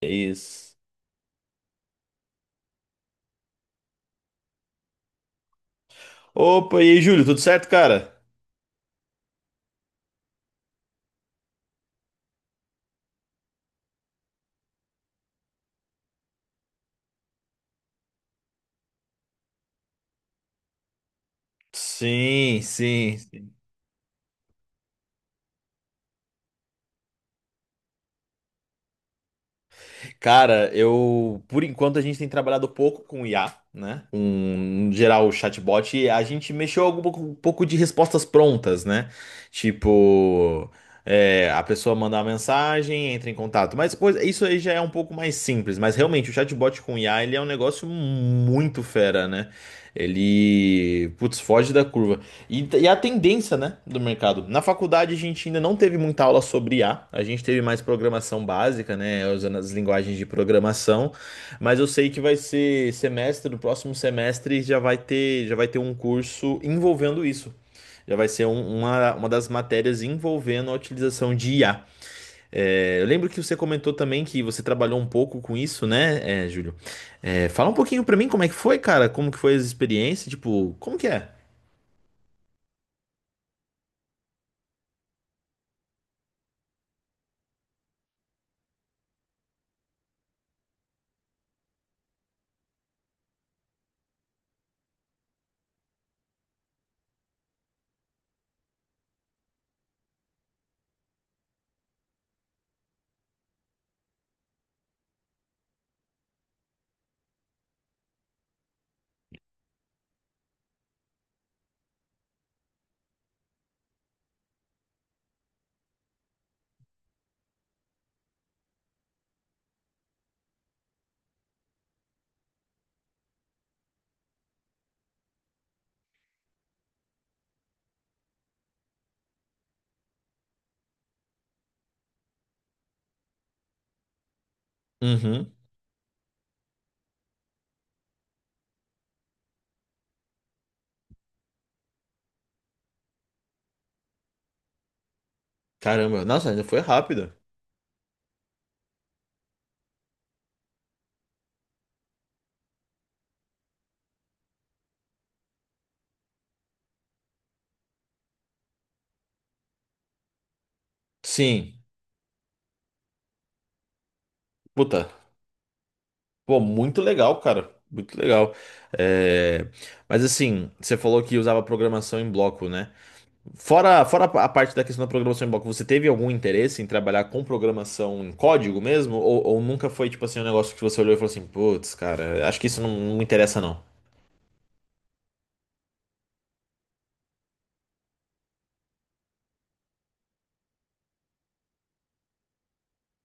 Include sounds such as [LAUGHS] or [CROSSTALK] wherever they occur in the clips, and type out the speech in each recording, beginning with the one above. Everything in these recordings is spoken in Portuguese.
É isso. Opa, e aí, Júlio, tudo certo, cara? Sim, sim. Cara, eu, por enquanto, a gente tem trabalhado pouco com IA, né? Com, no geral, o chatbot, e a gente mexeu um pouco de respostas prontas, né? Tipo, a pessoa manda uma mensagem, entra em contato. Mas coisa, isso aí já é um pouco mais simples, mas realmente, o chatbot com IA, ele é um negócio muito fera, né? Ele, putz, foge da curva. E a tendência, né, do mercado. Na faculdade a gente ainda não teve muita aula sobre IA, a gente teve mais programação básica, né, usando as linguagens de programação, mas eu sei que no próximo semestre já vai ter um curso envolvendo isso. Já vai ser um- uma das matérias envolvendo a utilização de IA. Eu lembro que você comentou também que você trabalhou um pouco com isso, né, Júlio? Fala um pouquinho pra mim como é que foi, cara, como que foi as experiências, tipo, como que é? Uhum. Caramba, nossa, ainda foi rápido. Sim, puta, pô, muito legal, cara, muito legal. É, Mas assim, você falou que usava programação em bloco, né? Fora a parte da questão da programação em bloco, você teve algum interesse em trabalhar com programação em código mesmo? Ou nunca foi, tipo assim, um negócio que você olhou e falou assim, putz, cara, acho que isso não, não me interessa, não.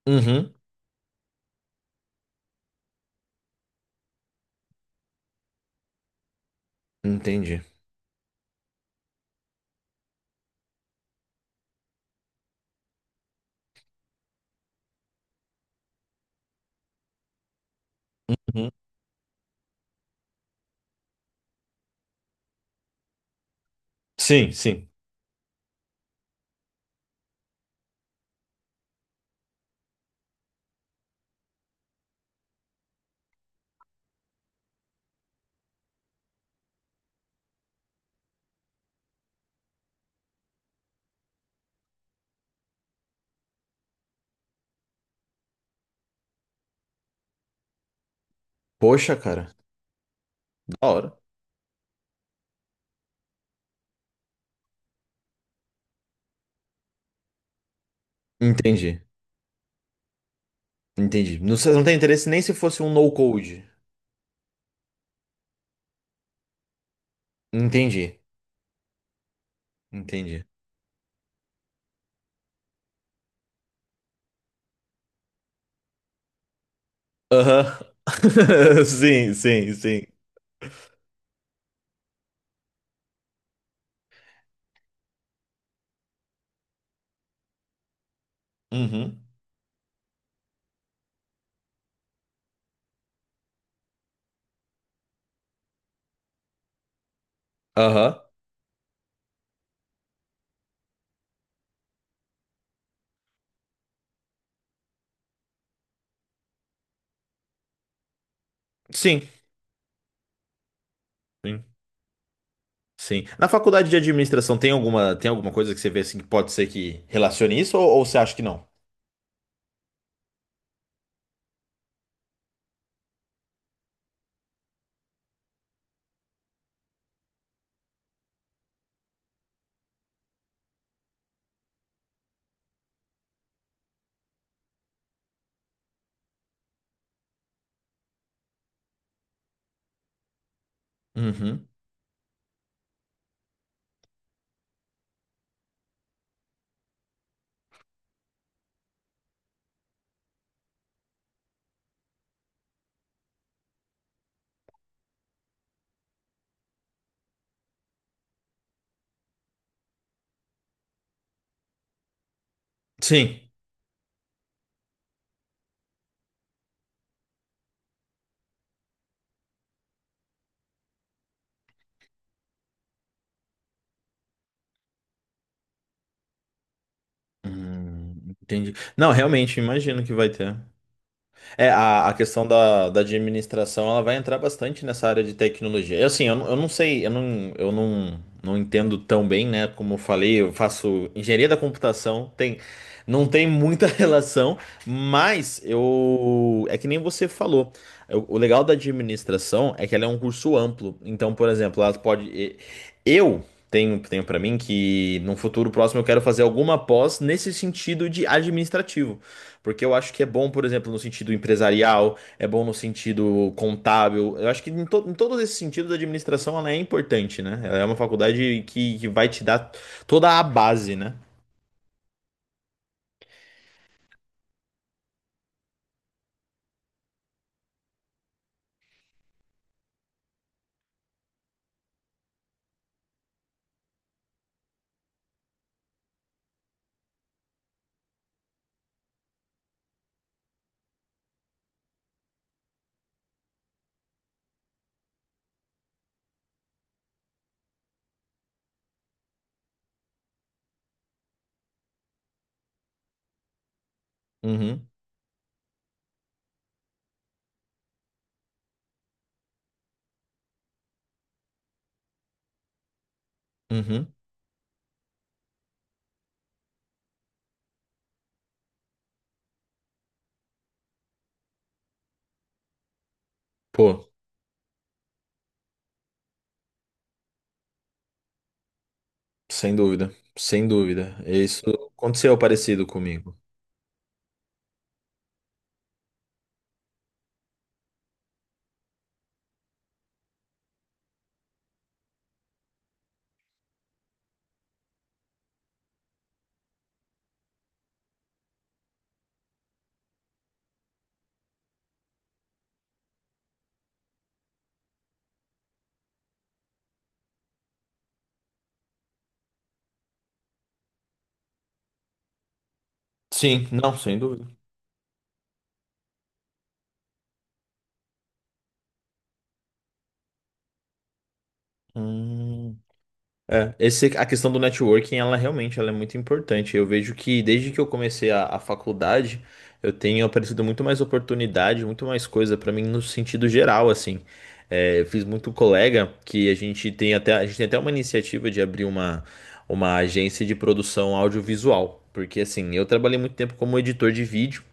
Uhum, entendi. Uhum. Sim, sim. Poxa, cara, da hora. Entendi, entendi. Não, você não tem interesse nem se fosse um no-code. Entendi. Entendi. Aham. [LAUGHS] Sim, sim, sim. Uhum. Aham. Sim, sim, sim. Na faculdade de administração tem alguma coisa que você vê assim que pode ser que relacione isso ou você acha que não? Uhum. Sim. Entendi. Não, realmente, imagino que vai ter. É, a questão da administração, ela vai entrar bastante nessa área de tecnologia. Assim, eu não sei, eu não, não entendo tão bem, né? Como eu falei, eu faço engenharia da computação, tem, não tem muita [LAUGHS] relação, mas eu, é que nem você falou. O legal da administração é que ela é um curso amplo. Então, por exemplo, eu tenho para mim que num futuro próximo eu quero fazer alguma pós nesse sentido de administrativo. Porque eu acho que é bom, por exemplo, no sentido empresarial, é bom no sentido contábil. Eu acho que em todos esses sentidos a administração ela é importante, né? Ela é uma faculdade que vai te dar toda a base, né? Uhum, uhum. Pô, sem dúvida, sem dúvida. Isso aconteceu parecido comigo. Sim, não, sem dúvida. Hum. É, esse, a questão do networking, ela realmente ela é muito importante. Eu vejo que desde que eu comecei a faculdade, eu tenho aparecido muito mais oportunidade, muito mais coisa pra mim no sentido geral, assim. É, eu fiz muito colega que a gente tem até uma iniciativa de abrir uma agência de produção audiovisual. Porque assim, eu trabalhei muito tempo como editor de vídeo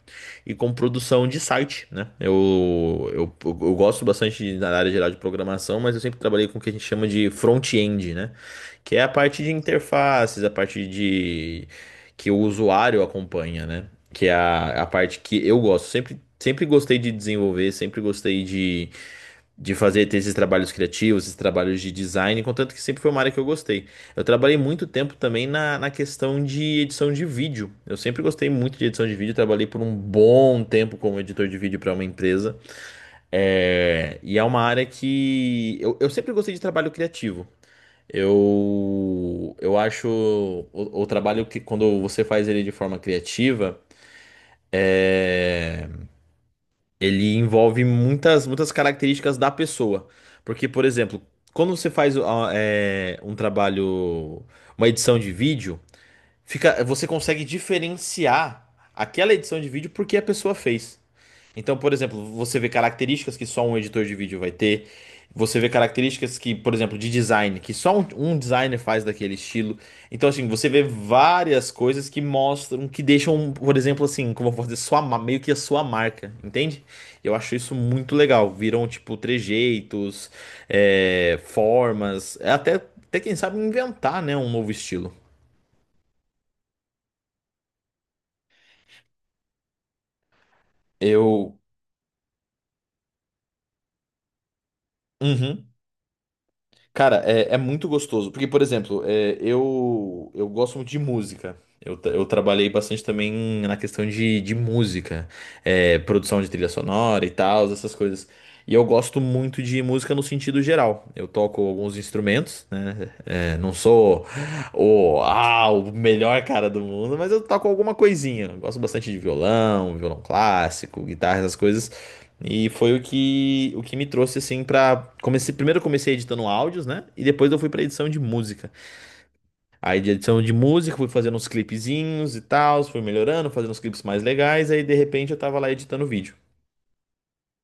e com produção de site, né? Eu gosto bastante da área geral de programação, mas eu sempre trabalhei com o que a gente chama de front-end, né? Que é a parte de interfaces, a parte de que o usuário acompanha, né? Que é a parte que eu gosto. Sempre, sempre gostei de desenvolver, de fazer ter esses trabalhos criativos, esses trabalhos de design, contanto que sempre foi uma área que eu gostei. Eu trabalhei muito tempo também na questão de edição de vídeo. Eu sempre gostei muito de edição de vídeo, trabalhei por um bom tempo como editor de vídeo para uma empresa. É, e é uma área que eu sempre gostei de trabalho criativo. Eu acho o trabalho que quando você faz ele de forma criativa, ele envolve muitas características da pessoa. Porque, por exemplo, quando você faz um trabalho, uma edição de vídeo, fica, você consegue diferenciar aquela edição de vídeo porque a pessoa fez. Então, por exemplo, você vê características que só um editor de vídeo vai ter. Você vê características que, por exemplo, de design, que só um designer faz daquele estilo. Então, assim, você vê várias coisas que mostram, que deixam, por exemplo, assim, como eu vou dizer, meio que a sua marca, entende? Eu acho isso muito legal. Viram, tipo, trejeitos, formas, até quem sabe inventar, né, um novo estilo. Eu uhum. Cara, é muito gostoso. Porque, por exemplo, eu gosto muito de música. Eu trabalhei bastante também na questão de música, produção de trilha sonora e tal, essas coisas. E eu gosto muito de música no sentido geral. Eu toco alguns instrumentos, né? É, não sou o melhor cara do mundo, mas eu toco alguma coisinha. Eu gosto bastante de violão, violão clássico, guitarra, essas coisas. E foi o que me trouxe assim pra. Comecei, primeiro eu comecei editando áudios, né? E depois eu fui pra edição de música. Aí de edição de música fui fazendo uns clipezinhos e tal, fui melhorando, fazendo uns clipes mais legais, aí de repente eu tava lá editando vídeo.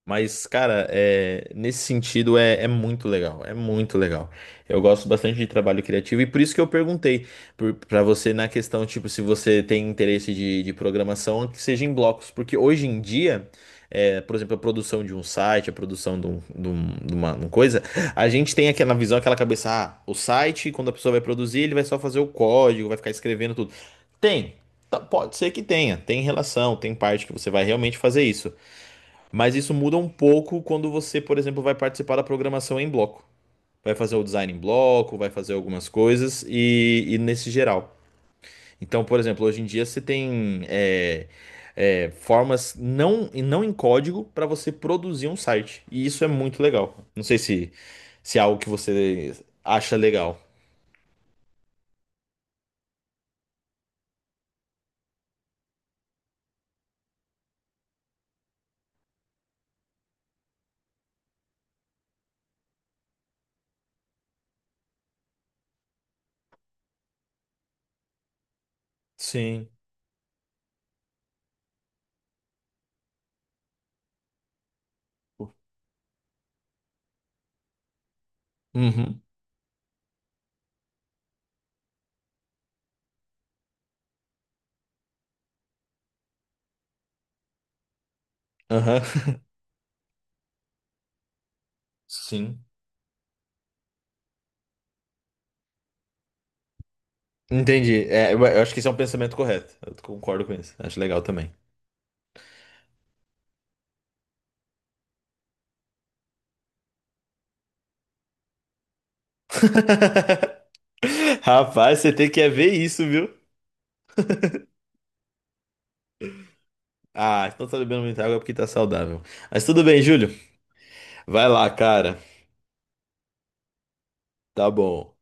Mas, cara, nesse sentido é muito legal, é muito legal. Eu gosto bastante de trabalho criativo e por isso que eu perguntei pra você na questão, tipo, se você tem interesse de programação, que seja em blocos, porque hoje em dia, por exemplo, a produção de um site, a produção de, um- de um- de uma coisa, a gente tem aquela visão, aquela cabeça, ah, o site, quando a pessoa vai produzir, ele vai só fazer o código, vai ficar escrevendo tudo. Tem, pode ser que tenha, tem relação, tem parte que você vai realmente fazer isso. Mas isso muda um pouco quando você, por exemplo, vai participar da programação em bloco. Vai fazer o design em bloco, vai fazer algumas coisas e nesse geral. Então, por exemplo, hoje em dia você tem formas não em código para você produzir um site. E isso é muito legal. Não sei se, se é algo que você acha legal. Sim. Uhum. Aham. [LAUGHS] Sim. Entendi. É, eu acho que esse é um pensamento correto. Eu concordo com isso. Acho legal também. [LAUGHS] Rapaz, você tem que é ver isso, viu? Ah, então tá bebendo muita água porque tá saudável. Mas tudo bem, Júlio. Vai lá, cara. Tá bom.